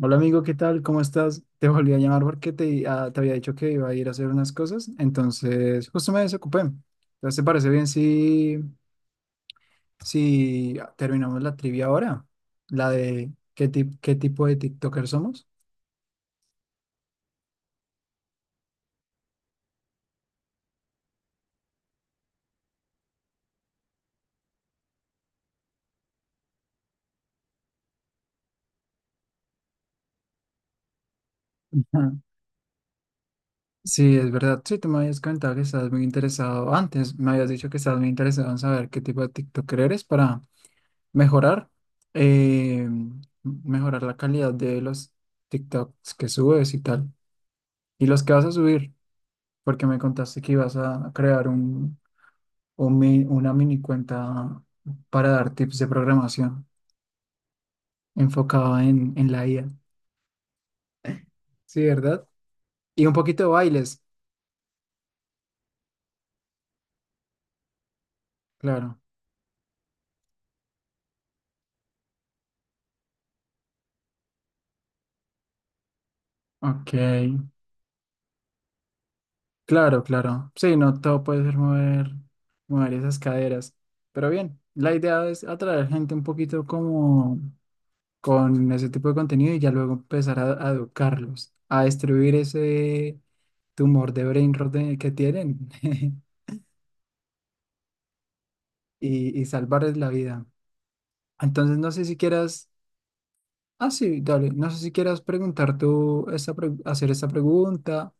Hola amigo, ¿qué tal? ¿Cómo estás? Te volví a llamar porque te había dicho que iba a ir a hacer unas cosas, entonces justo me desocupé. Entonces, ¿te parece bien si terminamos la trivia ahora? La de qué tipo de TikToker somos. Ujú. Sí, es verdad. Sí, tú me habías comentado que estabas muy interesado. Antes me habías dicho que estabas muy interesado en saber qué tipo de TikToker eres para mejorar, eh, mejorar la calidad de los TikToks que subes y tal. Y los que vas a subir. Porque me contaste que ibas a crear una mini cuenta para dar tips de programación enfocada en la IA. Sí, ¿verdad? Y un poquito de bailes, claro. Ok, claro, claro. Sí, no todo puede ser mover, mover esas caderas. Pero bien, la idea es atraer gente un poquito como con ese tipo de contenido y ya luego empezar a educarlos, a destruir ese tumor de brain rot que tienen. Y, y salvarles la vida. Entonces, no sé si quieras, ah, sí, dale, no sé si quieras preguntar tú, hacer esta pregunta.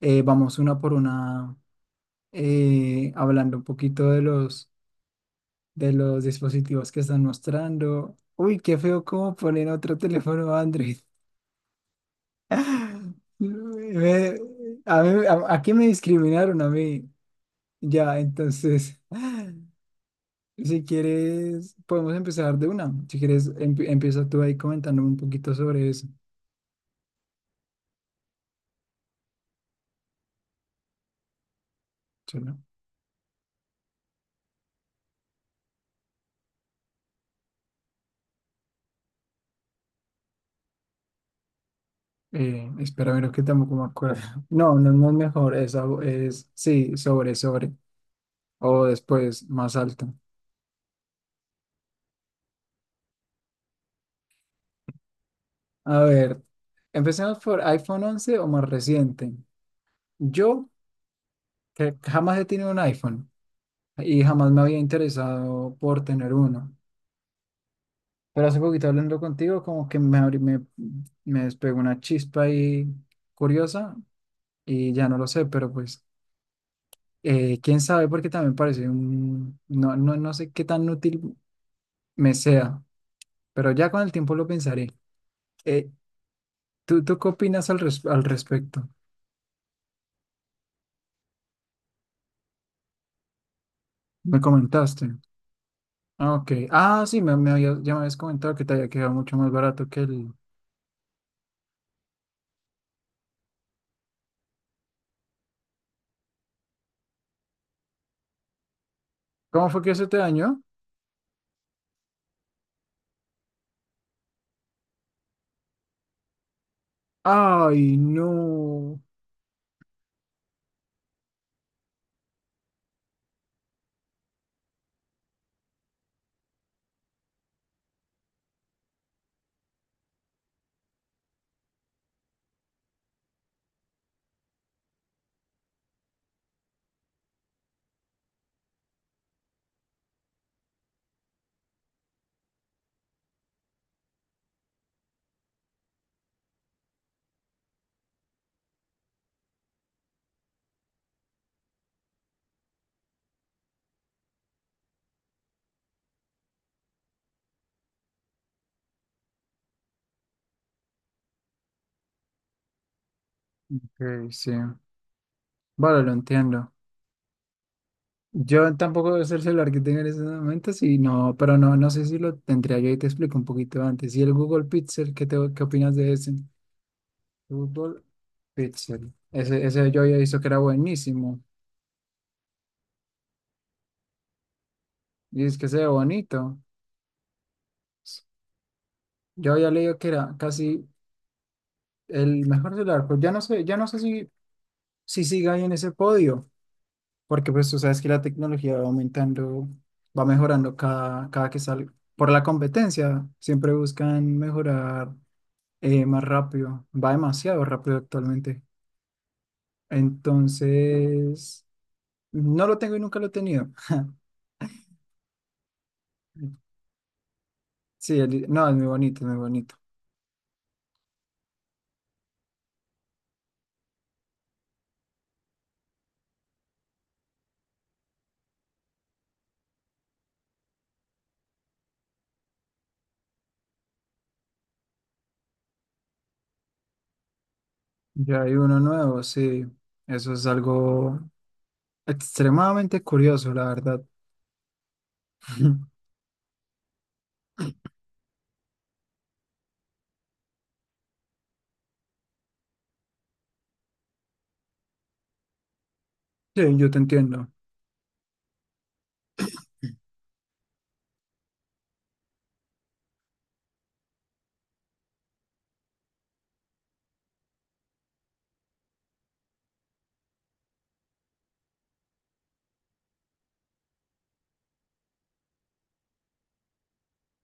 Vamos una por una, hablando un poquito de de los dispositivos que están mostrando. Uy, qué feo cómo ponen otro teléfono Android. Me- aquí me discriminaron a mí, ya, entonces. Si quieres, podemos empezar de una. Si quieres, empieza tú ahí comentándome un poquito sobre eso. Sí, ¿no? Espera, ver que tampoco me acuerdo. No, no, no es mejor. Esa es, sí, sobre, sobre. O después, más alto. A ver, empecemos por iPhone 11 o más reciente. Yo, que jamás he tenido un iPhone y jamás me había interesado por tener uno. Pero hace poquito hablando contigo, como que me despegó una chispa ahí curiosa y ya no lo sé, pero pues quién sabe, porque también parece no, no, no sé qué tan útil me sea, pero ya con el tiempo lo pensaré. Eh, ¿tú qué opinas al respecto? Me comentaste. Ah, ok. Ah, sí, ya me habías comentado que te había quedado mucho más barato que el... ¿Cómo fue que se te dañó? Ay, no. Ok, sí. Vale, lo entiendo. Yo tampoco es el celular que tengo en ese momentos y no, pero no, no sé si lo tendría yo y te explico un poquito antes. ¿Y el Google Pixel, qué opinas de ese? Google Pixel. Ese yo había visto que era buenísimo. Y es que se ve bonito. Yo había leído que era casi el mejor celular. Pues ya no sé si siga ahí en ese podio, porque pues tú sabes que la tecnología va aumentando, va mejorando cada que sale. Por la competencia, siempre buscan mejorar más rápido, va demasiado rápido actualmente. Entonces, no lo tengo y nunca lo he tenido. Sí, no, es muy bonito, es muy bonito. Ya hay uno nuevo, sí. Eso es algo extremadamente curioso, la verdad. Sí, yo te entiendo.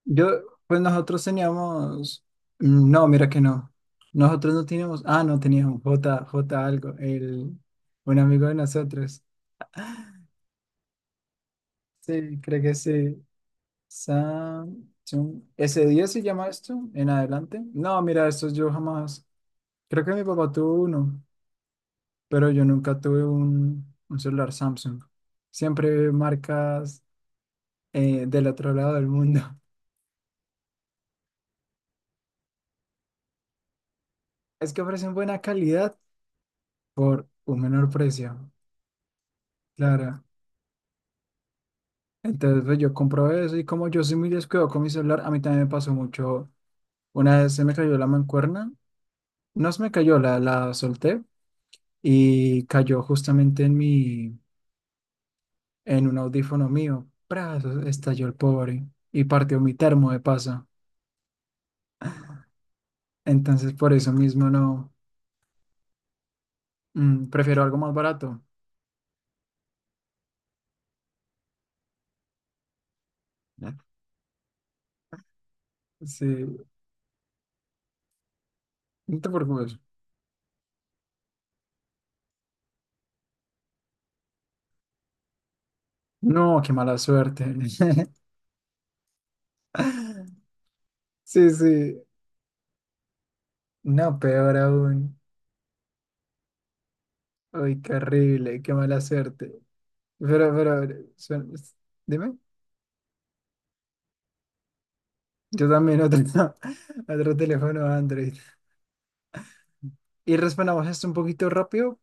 Yo, pues nosotros teníamos, no, mira que no. Nosotros no teníamos, no teníamos J algo, el, un amigo de nosotros. Sí, creo que sí. Samsung S10 se llama esto en adelante. No, mira, estos yo jamás. Creo que mi papá tuvo uno, pero yo nunca tuve un celular Samsung. Siempre marcas del otro lado del mundo. Es que ofrecen buena calidad por un menor precio, claro. Entonces, pues, yo compro eso y como yo soy muy descuidado con mi celular, a mí también me pasó mucho. Una vez se me cayó la mancuerna, no se me cayó, la solté y cayó justamente en mi En un audífono mío, ¡pras! Estalló el pobre y partió mi termo de pasa. Entonces, por eso mismo no. Mm, prefiero algo más barato. ¿No? Sí, no te preocupes. No, qué mala suerte. Sí, sí. No, peor aún. Ay, qué horrible, qué mala suerte. Pero, suena- dime. Yo también otro, otro teléfono Android. Y respondamos esto un poquito rápido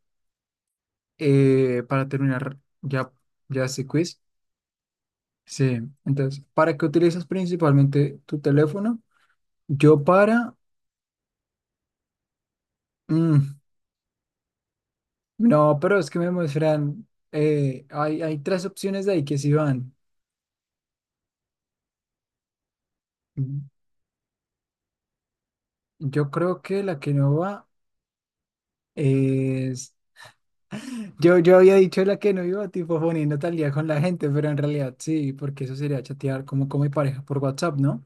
para terminar ya, ya este quiz. Sí, entonces, ¿para qué utilizas principalmente tu teléfono? Yo para... mm, no, pero es que me muestran... hay tres opciones de ahí que sí van. Mm, yo creo que la que no va es... Yo había dicho la que no iba, tipo poniendo tal día con la gente, pero en realidad sí, porque eso sería chatear como con mi pareja por WhatsApp, ¿no?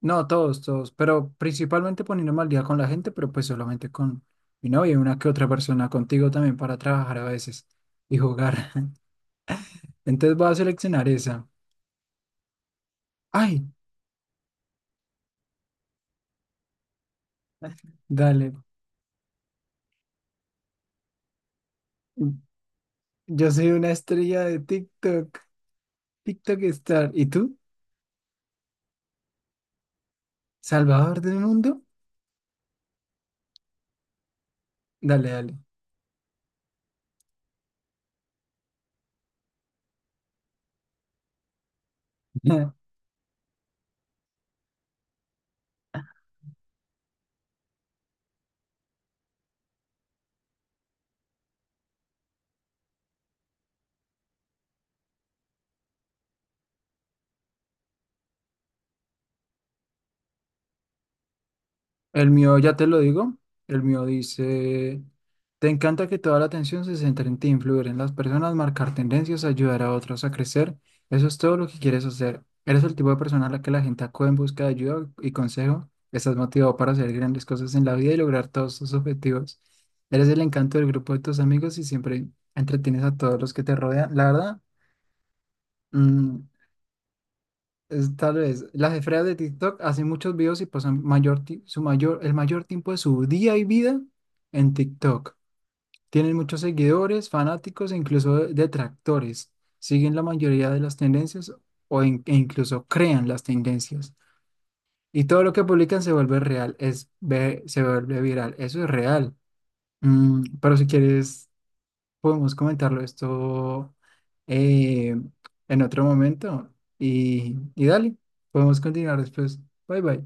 No, todos, todos, pero principalmente poniéndome al día con la gente, pero pues solamente con mi novia y una que otra persona contigo también para trabajar a veces y jugar. Entonces voy a seleccionar esa. Ay, dale. Yo soy una estrella de TikTok, TikTok Star. ¿Y tú? ¿Salvador del mundo? Dale, dale. El mío, ya te lo digo, el mío dice, te encanta que toda la atención se centre en ti, influir en las personas, marcar tendencias, ayudar a otros a crecer. Eso es todo lo que quieres hacer. Eres el tipo de persona a la que la gente acude en busca de ayuda y consejo. Estás motivado para hacer grandes cosas en la vida y lograr todos tus objetivos. Eres el encanto del grupo de tus amigos y siempre entretienes a todos los que te rodean. La verdad, mm, tal vez las esferas de TikTok hacen muchos videos y pasan mayor, ti- su mayor, el mayor tiempo de su día y vida en TikTok. Tienen muchos seguidores, fanáticos e incluso detractores. Siguen la mayoría de las tendencias e incluso crean las tendencias. Y todo lo que publican se vuelve real, se vuelve viral. Eso es real. Mm, pero si quieres podemos comentarlo esto eh, en otro momento. Y dale, podemos continuar después. Bye bye.